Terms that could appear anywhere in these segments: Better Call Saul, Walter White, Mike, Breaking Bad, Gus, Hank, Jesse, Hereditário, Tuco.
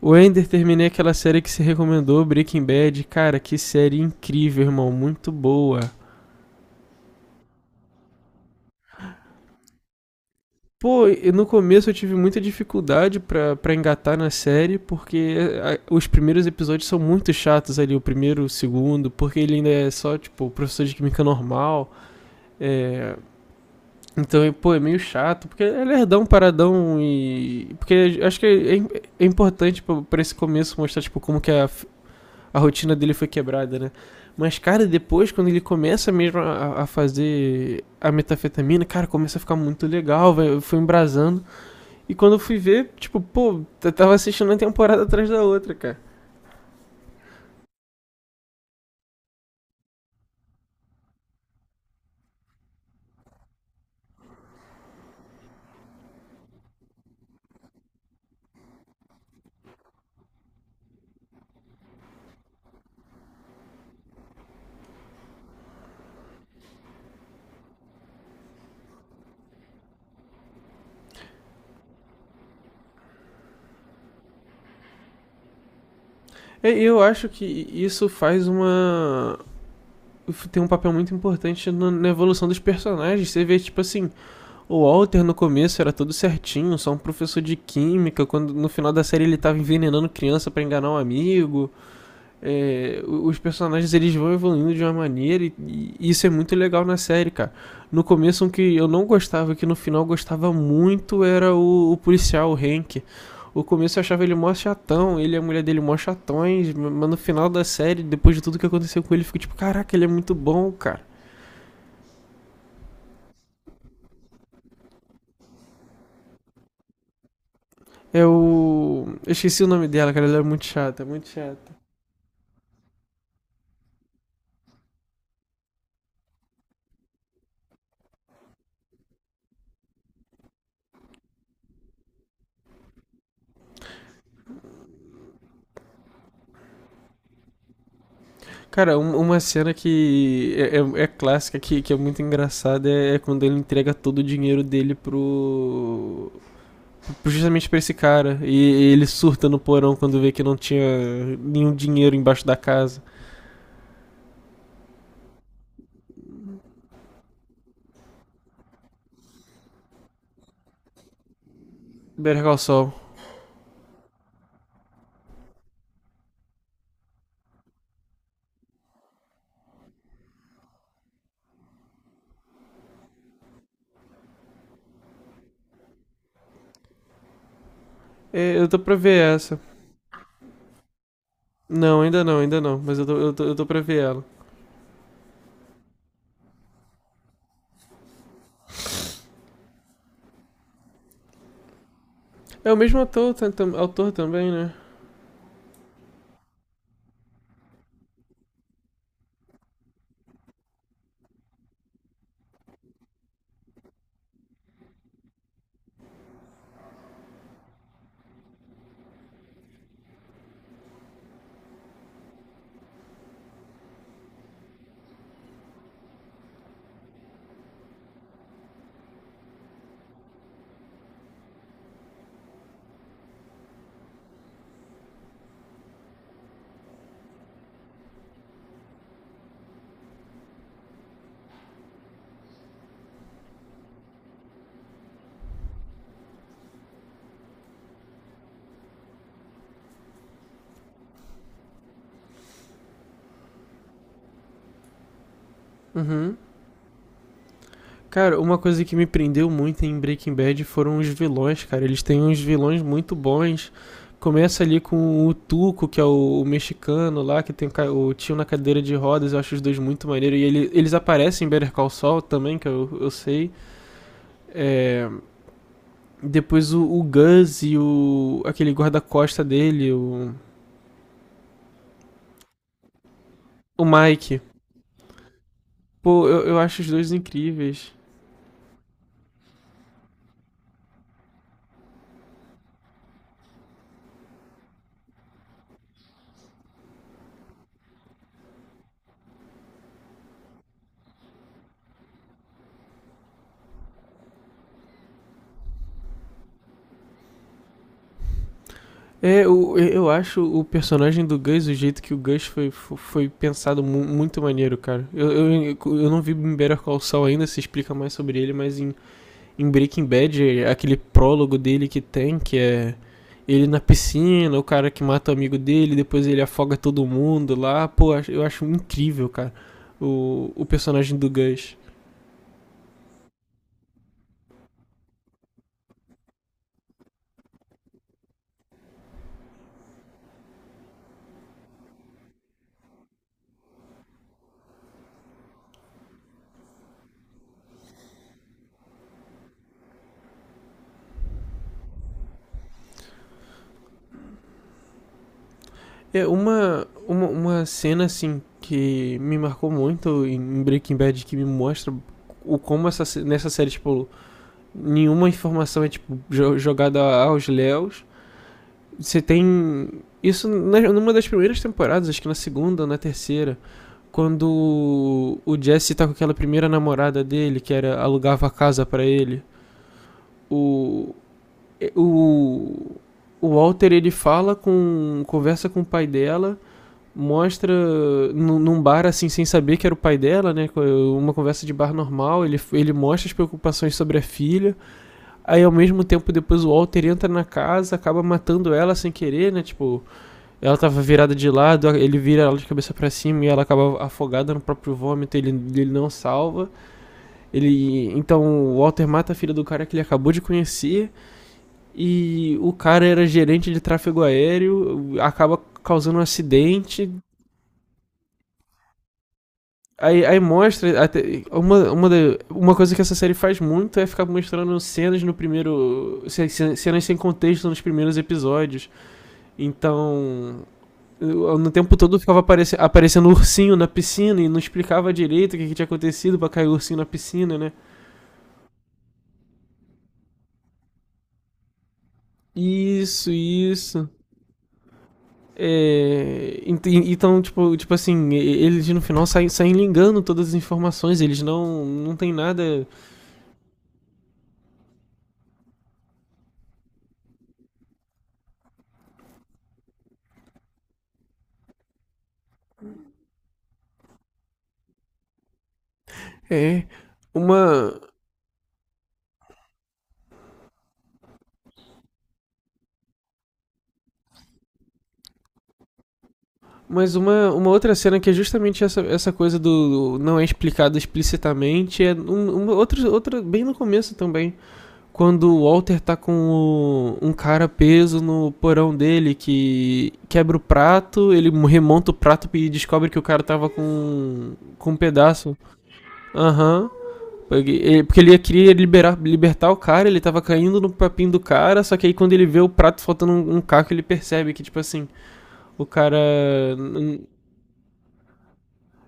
O Ender, terminei aquela série que se recomendou, Breaking Bad. Cara, que série incrível, irmão. Muito boa. Pô, e no começo eu tive muita dificuldade pra engatar na série, porque os primeiros episódios são muito chatos ali, o primeiro, o segundo, porque ele ainda é só, tipo, o professor de química normal. É, então, pô, é meio chato, porque é lerdão, paradão e. Porque acho que é, é importante pra esse começo mostrar, tipo, a rotina dele foi quebrada, né? Mas, cara, depois, quando ele começa mesmo a fazer a metafetamina, cara, começa a ficar muito legal, foi embrasando. E quando eu fui ver, tipo, pô, eu tava assistindo uma temporada atrás da outra, cara. E eu acho que isso faz uma. Tem um papel muito importante na evolução dos personagens. Você vê, tipo assim, o Walter no começo era todo certinho, só um professor de química, quando no final da série ele tava envenenando criança pra enganar um amigo. É, os personagens eles vão evoluindo de uma maneira e isso é muito legal na série, cara. No começo, um que eu não gostava, que no final gostava muito, era o policial, o Hank. O começo eu achava ele mó chatão, ele e a mulher dele mó chatões, mas no final da série, depois de tudo que aconteceu com ele, eu fico tipo, caraca, ele é muito bom, cara. É o. Eu esqueci o nome dela, cara, ela é muito chata, muito chata. Cara, uma cena que é clássica, que é muito engraçada, é, é quando ele entrega todo o dinheiro dele pro. Justamente pra esse cara. E ele surta no porão quando vê que não tinha nenhum dinheiro embaixo da casa. Better Call Saul. É, eu tô pra ver essa. Não, ainda não, ainda não, mas eu tô pra ver ela. É o mesmo ator, autor também, né? Uhum. Cara, uma coisa que me prendeu muito em Breaking Bad foram os vilões, cara. Eles têm uns vilões muito bons. Começa ali com o Tuco, que é o mexicano lá, que tem o o tio na cadeira de rodas. Eu acho os dois muito maneiros. E eles aparecem em Better Call Saul também, que eu sei. É, depois o Gus e o aquele guarda-costa dele, o Mike. Pô, eu acho os dois incríveis. É, eu acho o personagem do Gus, o jeito que o Gus foi, foi pensado muito maneiro, cara. Eu não vi em Better Call Saul ainda, se explica mais sobre ele, mas em, em Breaking Bad, aquele prólogo dele que tem, que é ele na piscina, o cara que mata o amigo dele, depois ele afoga todo mundo lá. Pô, eu acho incrível, cara, o personagem do Gus. É uma cena assim que me marcou muito em Breaking Bad que me mostra o como essa nessa série tipo nenhuma informação é tipo jogada aos léus. Você tem isso numa das primeiras temporadas, acho que na segunda ou na terceira, quando o Jesse tá com aquela primeira namorada dele que era alugava a casa pra ele. O o o Walter ele fala com conversa com o pai dela mostra num bar assim sem saber que era o pai dela, né? Uma conversa de bar normal, ele mostra as preocupações sobre a filha. Aí ao mesmo tempo depois o Walter entra na casa, acaba matando ela sem querer, né? Tipo, ela tava virada de lado, ele vira ela de cabeça para cima e ela acaba afogada no próprio vômito, ele não salva. Ele então o Walter mata a filha do cara que ele acabou de conhecer e o cara era gerente de tráfego aéreo, acaba causando um acidente. Aí mostra. Uma coisa que essa série faz muito é ficar mostrando cenas no primeiro. Cenas sem contexto nos primeiros episódios. Então. No tempo todo ficava aparecendo ursinho na piscina e não explicava direito o que, que tinha acontecido pra cair o ursinho na piscina, né? Isso, isso. É, então, tipo assim, eles no final saem ligando todas as informações, eles não tem nada. É. Uma, Mas uma outra cena que é justamente essa, essa coisa do não é explicado explicitamente é uma outra, outra bem no começo também. Quando o Walter tá com um cara preso no porão dele que quebra o prato, ele remonta o prato e descobre que o cara tava com um pedaço. Aham. Porque ele queria liberar, libertar o cara, ele tava caindo no papinho do cara, só que aí quando ele vê o prato faltando um caco, ele percebe que, tipo assim, o cara.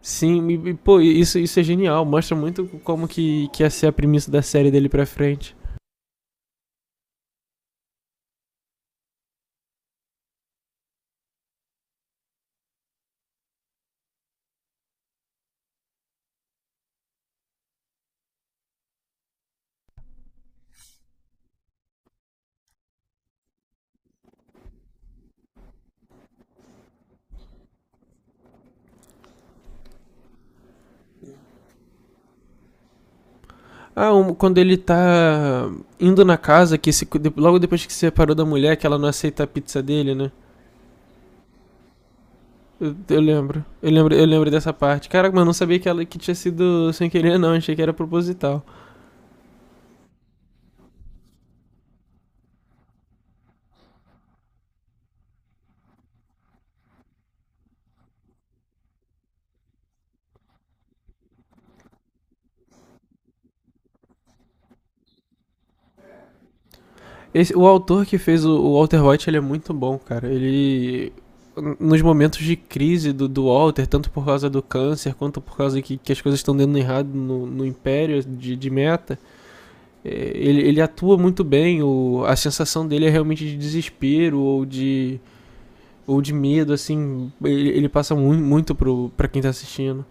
Sim, e, pô, isso é genial. Mostra muito como que ia ser a premissa da série dele pra frente. Ah, um, quando ele tá indo na casa, que se, logo depois que se separou da mulher, que ela não aceita a pizza dele, né? Eu lembro. Eu lembro dessa parte. Caraca, mas eu não sabia que ela que tinha sido sem querer, não. Achei que era proposital. O autor que fez o Walter White, ele é muito bom, cara. Ele. Nos momentos de crise do Walter, tanto por causa do câncer, quanto por causa que as coisas estão dando errado no Império de meta, é, ele atua muito bem. O, a sensação dele é realmente de desespero ou de medo, assim. Ele passa muito, muito pra quem tá assistindo.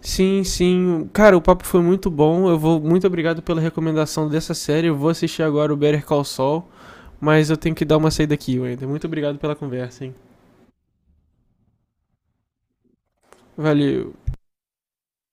Sim, sim. Cara, o papo foi muito bom. Eu vou. Muito obrigado pela recomendação dessa série. Eu vou assistir agora o Better Call Saul. Mas eu tenho que dar uma saída aqui, Wender. Muito obrigado pela conversa, hein? Valeu.